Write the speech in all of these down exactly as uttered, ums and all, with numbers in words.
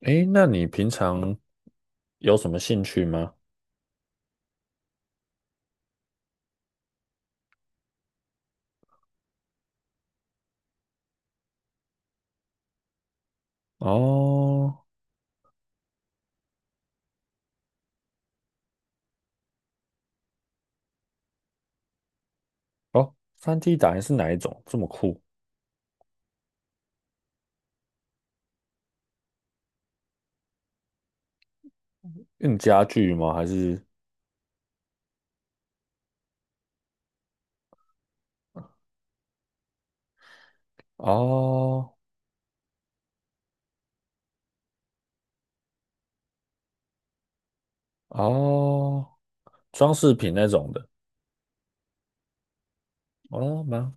诶，那你平常有什么兴趣吗？哦哦，三 d 打印是哪一种？这么酷？用家具吗？还是哦哦，装饰品那种的？哦，蛮，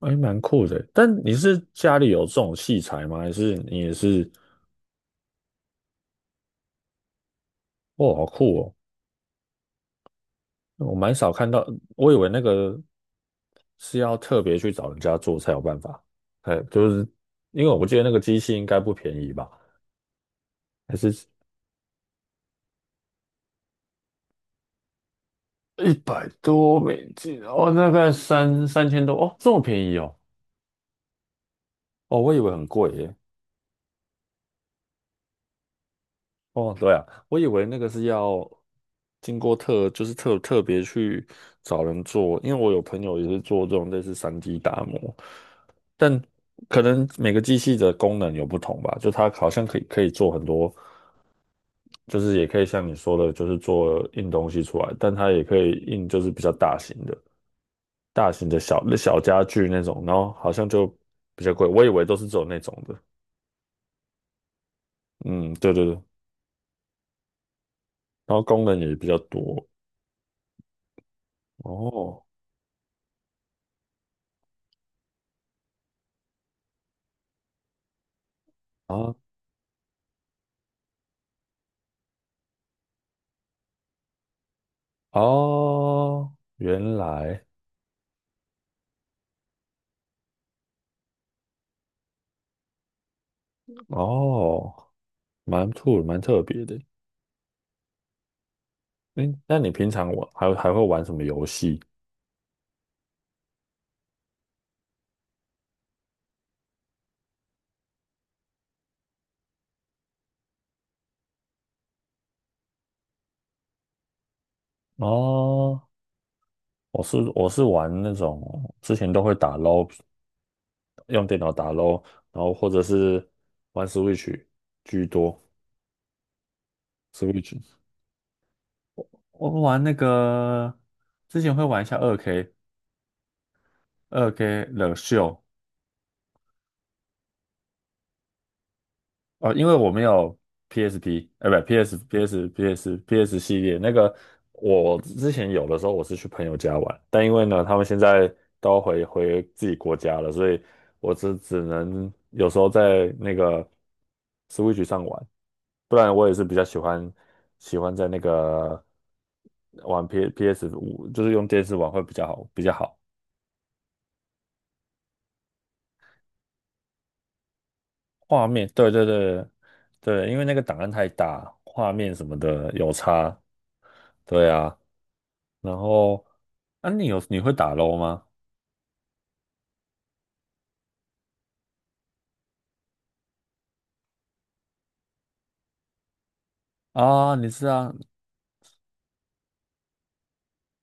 诶，蛮酷的。但你是家里有这种器材吗？还是你也是？哇，好酷哦！我蛮少看到，我以为那个是要特别去找人家做才有办法。哎，就是因为我不记得那个机器应该不便宜吧？还是？一百多美金哦，大概三三千多哦，这么便宜哦。哦，我以为很贵耶。哦，对啊，我以为那个是要经过特，就是特特别去找人做，因为我有朋友也是做这种类似三 d 打磨，但可能每个机器的功能有不同吧，就它好像可以可以做很多，就是也可以像你说的，就是做印东西出来，但它也可以印就是比较大型的。大型的小小家具那种，然后好像就比较贵，我以为都是只有那种的。嗯，对对对，然后功能也比较多。哦，啊，哦，原来。哦，蛮酷，蛮特别的。嗯，那你平常玩还还会玩什么游戏？哦，我是我是玩那种之前都会打 L O,用电脑打 L O,然后或者是玩 Switch 居多，Switch。我玩那个之前会玩一下二 K 二 K 冷秀哦，因为我没有 PSP,呃，不 PS PS PS PS 系列那个，我之前有的时候我是去朋友家玩，但因为呢他们现在都回回自己国家了，所以我只只能有时候在那个 Switch 上玩，不然我也是比较喜欢喜欢在那个玩 P PS 五，就是用电视玩会比较好比较好。画面，对对对对，因为那个档案太大，画面什么的有差。对啊，然后啊，你有你会打 L O 吗？啊，你是啊，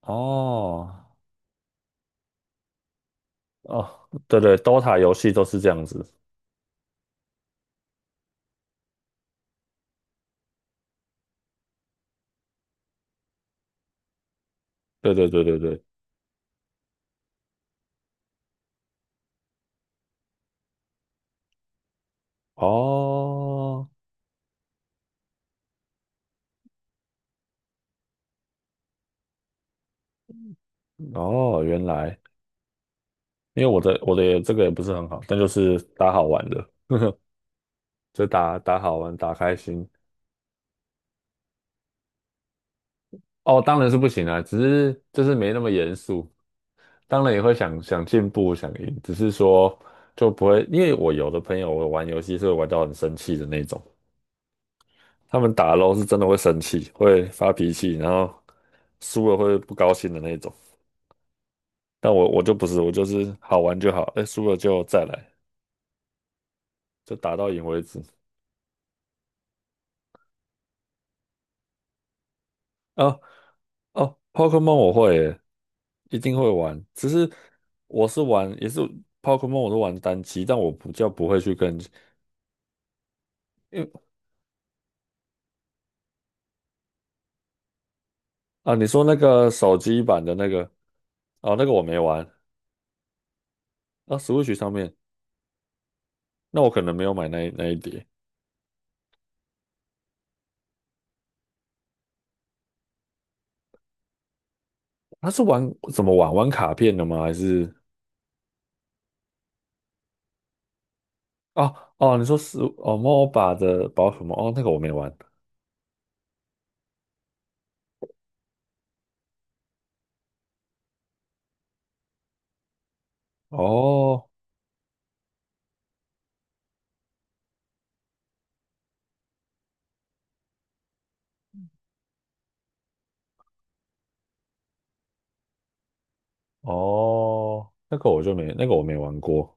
哦哦，对对，DOTA 游戏都是这样子。对对对对对，哦哦，原来。因为我的我的也这个也不是很好，但就是打好玩的，就打打好玩，打开心。哦，当然是不行啊，只是就是没那么严肃。当然也会想想进步、想赢，只是说就不会，因为我有的朋友我玩游戏是会玩到很生气的那种，他们打 L O 是真的会生气，会发脾气，然后输了会不高兴的那种。但我我就不是，我就是好玩就好，哎，输了就再来，就打到赢为止。哦哦，Pokemon 我会耶，一定会玩，只是我是玩也是 Pokemon 我都玩单机，但我不叫不会去跟，因为啊，你说那个手机版的那个，哦，那个我没玩。啊，Switch 上面，那我可能没有买那一那一碟。它是玩怎么玩？玩卡片的吗？还是哦哦？你说是哦，MOBA 的宝可梦哦，那个我没玩。哦哦，那个我就没那个我没玩过。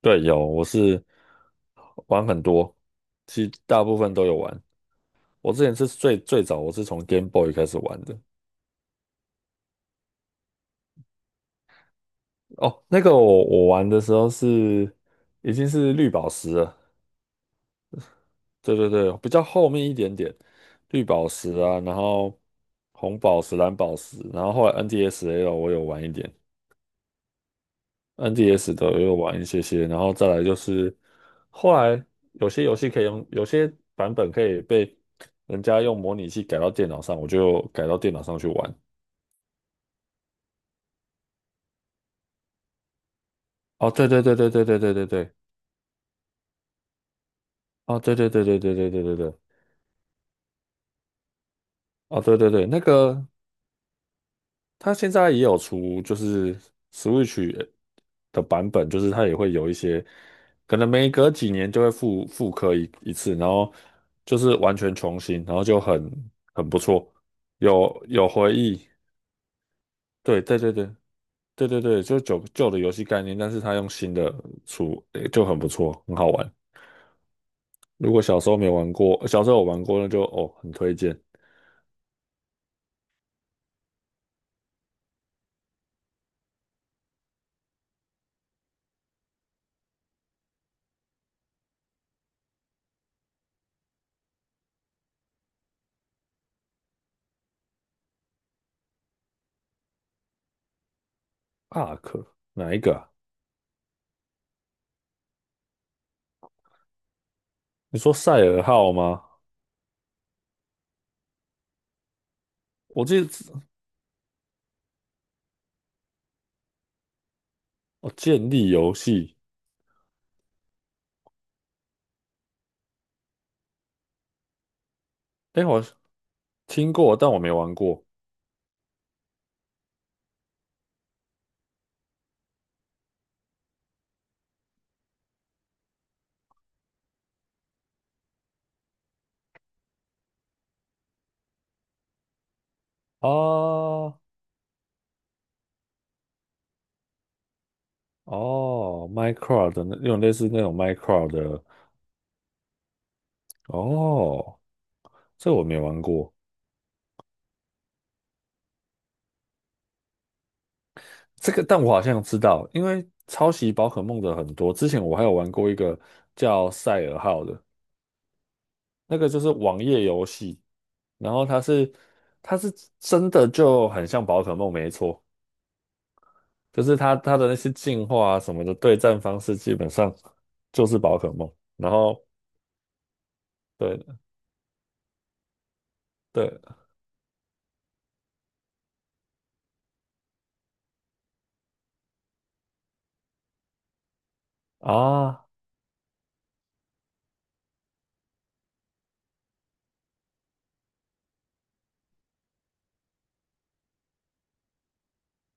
对，有，我是玩很多，其实大部分都有玩。我之前是最最早，我是从 Game Boy 开始玩的。哦，那个我我玩的时候是已经是绿宝石了。对对对，比较后面一点点，绿宝石啊，然后红宝石、蓝宝石，然后后来 N D S L 我有玩一点，N D S 的我有玩一些些，然后再来就是后来有些游戏可以用，有些版本可以被人家用模拟器改到电脑上，我就改到电脑上去玩。哦，对对对对对对对对对，哦，对对对对对对对对对，哦，对对对，那个。它现在也有出，就是 Switch 的版本，就是它也会有一些，可能每隔几年就会复复刻一一次，然后就是完全重新，然后就很很不错，有有回忆。对对对对对对对，就是旧旧的游戏概念，但是它用新的出，诶就很不错，很好玩。如果小时候没玩过，小时候有玩过，那就哦很推荐。阿 r 哪一个啊？你说赛尔号吗？我记得哦，建立游戏，哎，我听过，但我没玩过啊。哦哦，Minecraft 的那有点类似那种 Minecraft 的。哦，这我没玩过。这个，但我好像知道，因为抄袭宝可梦的很多。之前我还有玩过一个叫《赛尔号》的，那个就是网页游戏，然后它是它是真的就很像宝可梦，没错，就是它它的那些进化啊什么的对战方式基本上就是宝可梦，然后。对，对啊，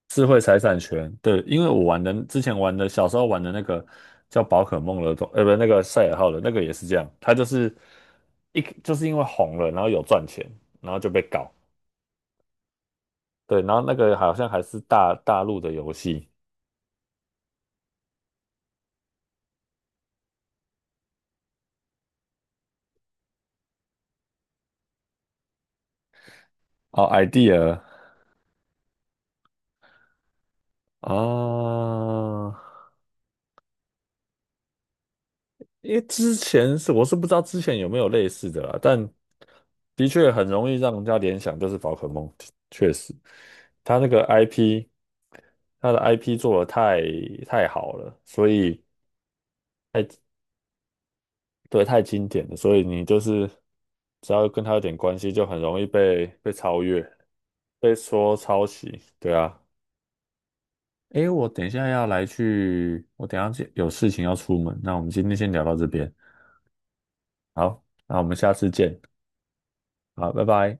智慧财产权，对，因为我玩的之前玩的小时候玩的那个叫宝可梦的东，呃，不，那个赛尔号的那个也是这样，它就是一就是因为红了，然后有赚钱，然后就被搞对，然后那个好像还是大大陆的游戏。哦，idea 啊，哦，因为之前是我是不知道之前有没有类似的啦，但的确很容易让人家联想就是宝可梦，确实，它那个 I P,它的 I P 做的太太好了，所以对太经典了，所以你就是只要跟它有点关系，就很容易被被超越，被说抄袭，对啊。诶，我等一下要来去，我等一下去有事情要出门，那我们今天先聊到这边，好，那我们下次见，好，拜拜。